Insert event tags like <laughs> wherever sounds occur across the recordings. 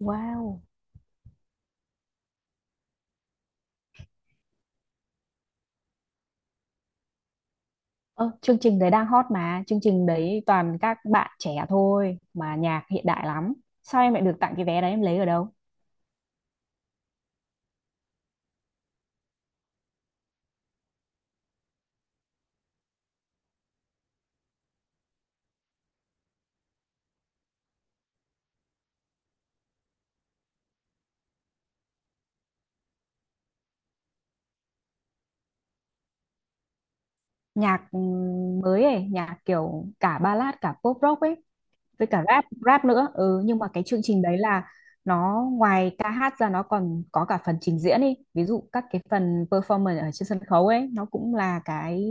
Wow. Ơ, chương trình đấy đang hot mà, chương trình đấy toàn các bạn trẻ thôi mà nhạc hiện đại lắm. Sao em lại được tặng cái vé đấy em lấy ở đâu? Nhạc mới ấy, nhạc kiểu cả ballad cả pop rock ấy với cả rap rap nữa. Ừ, nhưng mà cái chương trình đấy là nó ngoài ca hát ra nó còn có cả phần trình diễn đi. Ví dụ các cái phần performance ở trên sân khấu ấy nó cũng là cái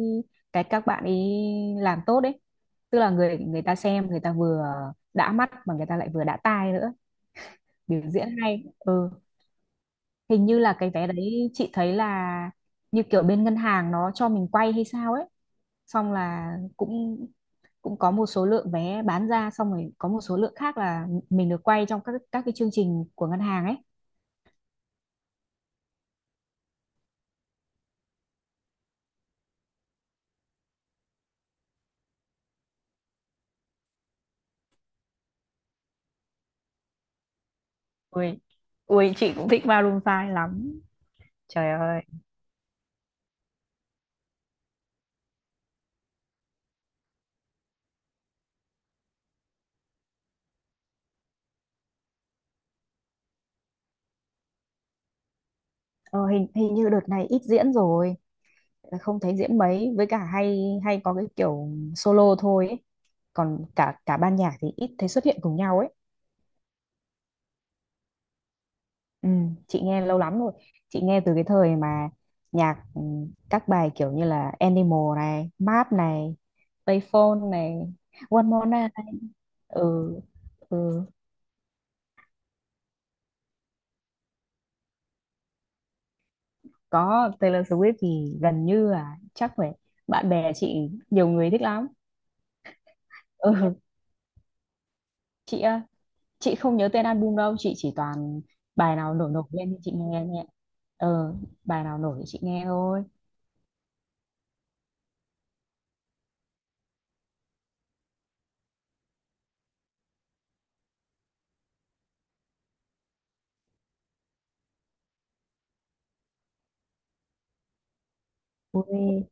cái các bạn ấy làm tốt đấy. Tức là người người ta xem người ta vừa đã mắt mà người ta lại vừa đã tai nữa, biểu diễn hay. Ừ, hình như là cái vé đấy chị thấy là như kiểu bên ngân hàng nó cho mình quay hay sao ấy, xong là cũng cũng có một số lượng vé bán ra xong rồi có một số lượng khác là mình được quay trong các cái chương trình của ngân hàng ấy. Ui, ui chị cũng thích Maroon 5 lắm. Trời ơi. Ờ, hình hình như đợt này ít diễn rồi, không thấy diễn mấy, với cả hay hay có cái kiểu solo thôi ấy. Còn cả cả ban nhạc thì ít thấy xuất hiện cùng nhau ấy. Ừ, chị nghe lâu lắm rồi. Chị nghe từ cái thời mà nhạc các bài kiểu như là Animal này, Map này, Payphone này, One More Night này. Ừ, ừ, có Taylor Swift thì gần như là chắc phải, bạn bè chị nhiều người thích lắm. Ừ, chị á, chị không nhớ tên album đâu, chị chỉ toàn bài nào nổi nổi lên thì chị nghe nhẹ. Ờ, bài nào nổi thì chị nghe thôi. Ui,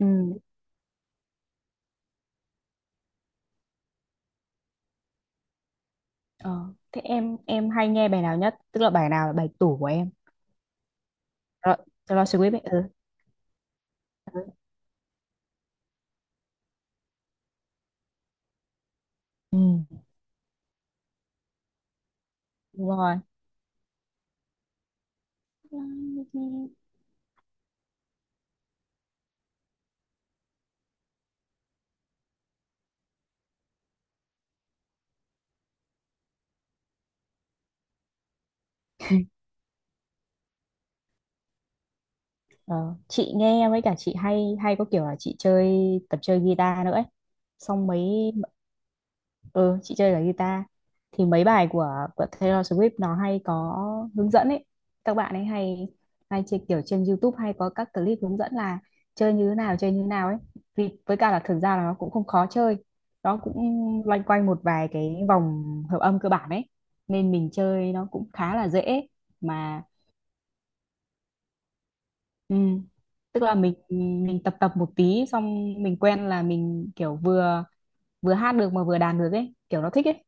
ừ, ờ, thế em hay nghe bài nào nhất? Tức là bài nào là bài tủ của em? Rồi, Taylor Swift ấy. Ừ, ừ, đúng rồi. <laughs> Ờ, chị nghe với cả chị hay hay có kiểu là chị chơi tập chơi guitar nữa ấy. Xong mấy, ừ chị chơi cả guitar thì mấy bài của Taylor Swift nó hay có hướng dẫn ấy, các bạn ấy hay hay chơi kiểu trên YouTube hay có các clip hướng dẫn là chơi như thế nào chơi như thế nào ấy, vì với cả là thực ra là nó cũng không khó chơi, nó cũng loanh quanh một vài cái vòng hợp âm cơ bản ấy, nên mình chơi nó cũng khá là dễ mà. Ừ, tức là mình tập tập một tí xong mình quen là mình kiểu vừa vừa hát được mà vừa đàn được ấy kiểu nó thích ấy.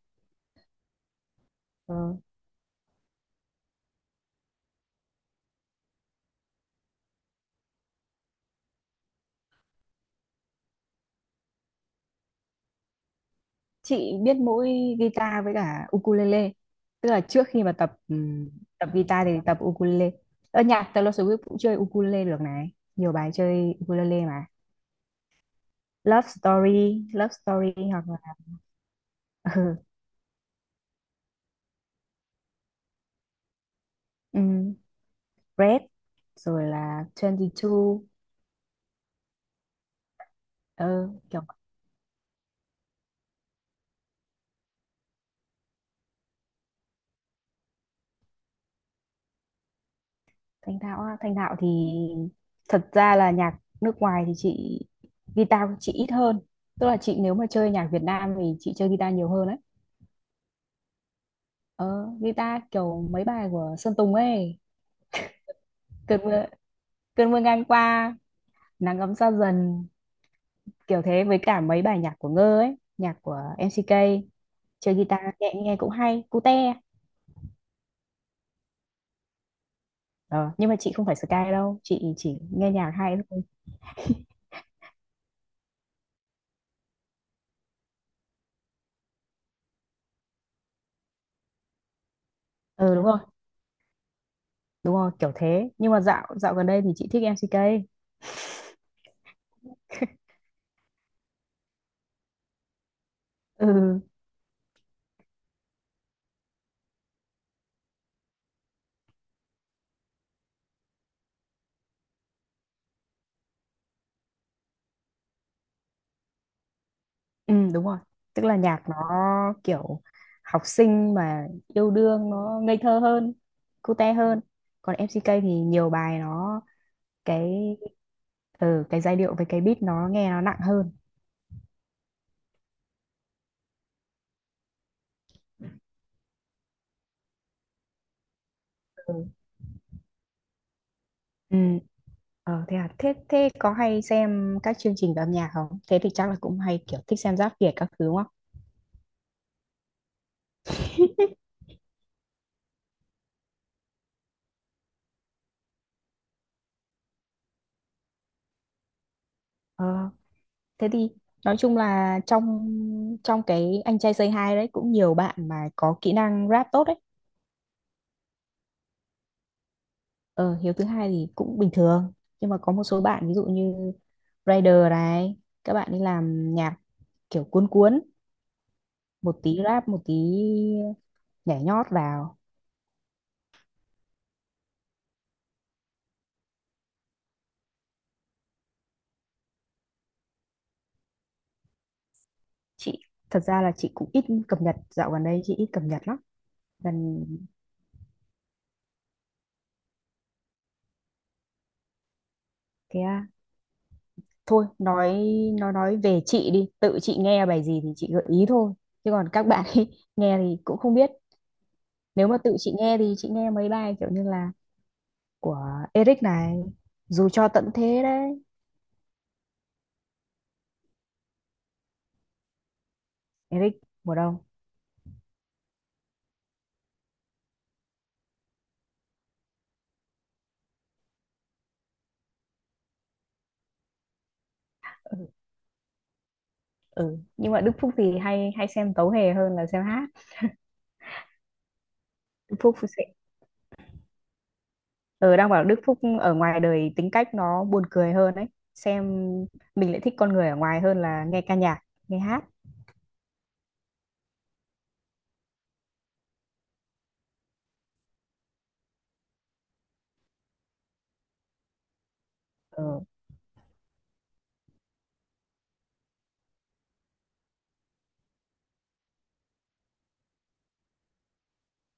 Ừ. Chị biết mỗi guitar với cả ukulele, tức là trước khi mà tập tập guitar thì tập ukulele, ở nhạc Taylor Swift cũng chơi ukulele được này, nhiều bài chơi ukulele mà Love Story Love Story hoặc là ừ, ừm, Red rồi là 22, ừ, kiểu. Thanh thạo á. Thanh thạo thì thật ra là nhạc nước ngoài thì chị guitar chị ít hơn, tức là chị nếu mà chơi nhạc Việt Nam thì chị chơi guitar nhiều hơn á. Ờ, guitar kiểu mấy bài của Sơn Tùng ấy, cơn mưa cơn mưa ngang qua, nắng ấm xa dần, kiểu thế, với cả mấy bài nhạc của Ngơ ấy, nhạc của MCK, chơi guitar nhẹ nghe cũng hay cute. Ờ, nhưng mà chị không phải Sky đâu, chị chỉ nghe nhạc hay thôi. Ừ đúng rồi, đúng rồi kiểu thế, nhưng mà dạo dạo gần đây thì chị thích MCK. Ừ. Ừ đúng rồi. Tức là nhạc nó kiểu học sinh mà yêu đương nó ngây thơ hơn, cute hơn. Còn MCK thì nhiều bài nó cái, ừ, cái giai điệu với cái beat nó nghe nó nặng hơn. Ừ. Ừ. Ờ, thế à, thế thế có hay xem các chương trình về âm nhạc không? Thế thì chắc là cũng hay kiểu thích xem Giáp Việt các thứ đúng không? Ờ, thế thì nói chung là trong trong cái anh trai Say Hi đấy cũng nhiều bạn mà có kỹ năng rap tốt đấy. Ờ, hiếu thứ hai thì cũng bình thường, nhưng mà có một số bạn ví dụ như rider này, các bạn đi làm nhạc kiểu cuốn cuốn một tí rap một tí nhảy nhót vào. Chị thật ra là chị cũng ít cập nhật, dạo gần đây chị ít cập nhật lắm, gần cái thôi nói nói về chị đi, tự chị nghe bài gì thì chị gợi ý thôi, chứ còn các bạn ấy <laughs> nghe thì cũng không biết. Nếu mà tự chị nghe thì chị nghe mấy bài kiểu như là của Eric này, dù cho tận thế đấy. Eric mùa đông. Ừ. Nhưng mà Đức Phúc thì hay hay xem tấu hề hơn là xem hát. Đức Phúc sẽ ừ, đang bảo Đức Phúc ở ngoài đời tính cách nó buồn cười hơn đấy, xem mình lại thích con người ở ngoài hơn là nghe ca nhạc nghe hát. Ừ.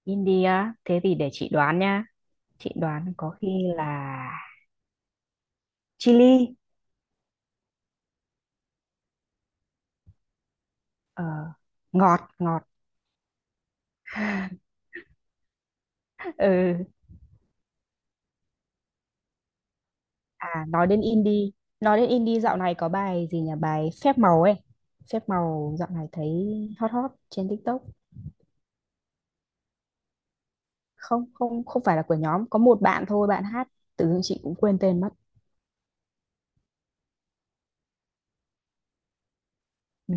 India, thế thì để chị đoán nha, chị đoán có khi là chili. Ờ, ngọt ngọt. <laughs> Ừ. À nói đến indie, nói đến indie dạo này có bài gì nhỉ, bài phép màu ấy, phép màu dạo này thấy hot hot trên TikTok. Không không không phải là của nhóm, có một bạn thôi bạn hát, tự dưng chị cũng quên tên mất. Ừ.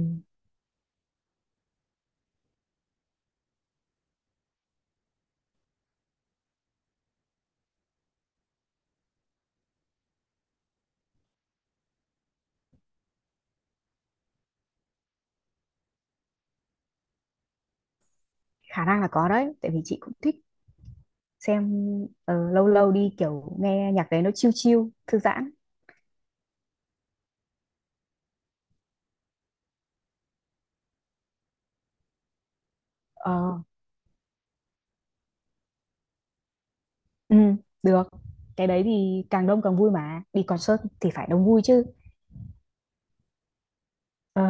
Khả năng là có đấy, tại vì chị cũng thích xem, ờ, lâu lâu đi kiểu nghe nhạc đấy nó chill chill thư giãn. Ờ, ừ, được, cái đấy thì càng đông càng vui mà, đi concert thì phải đông vui chứ. Ờ.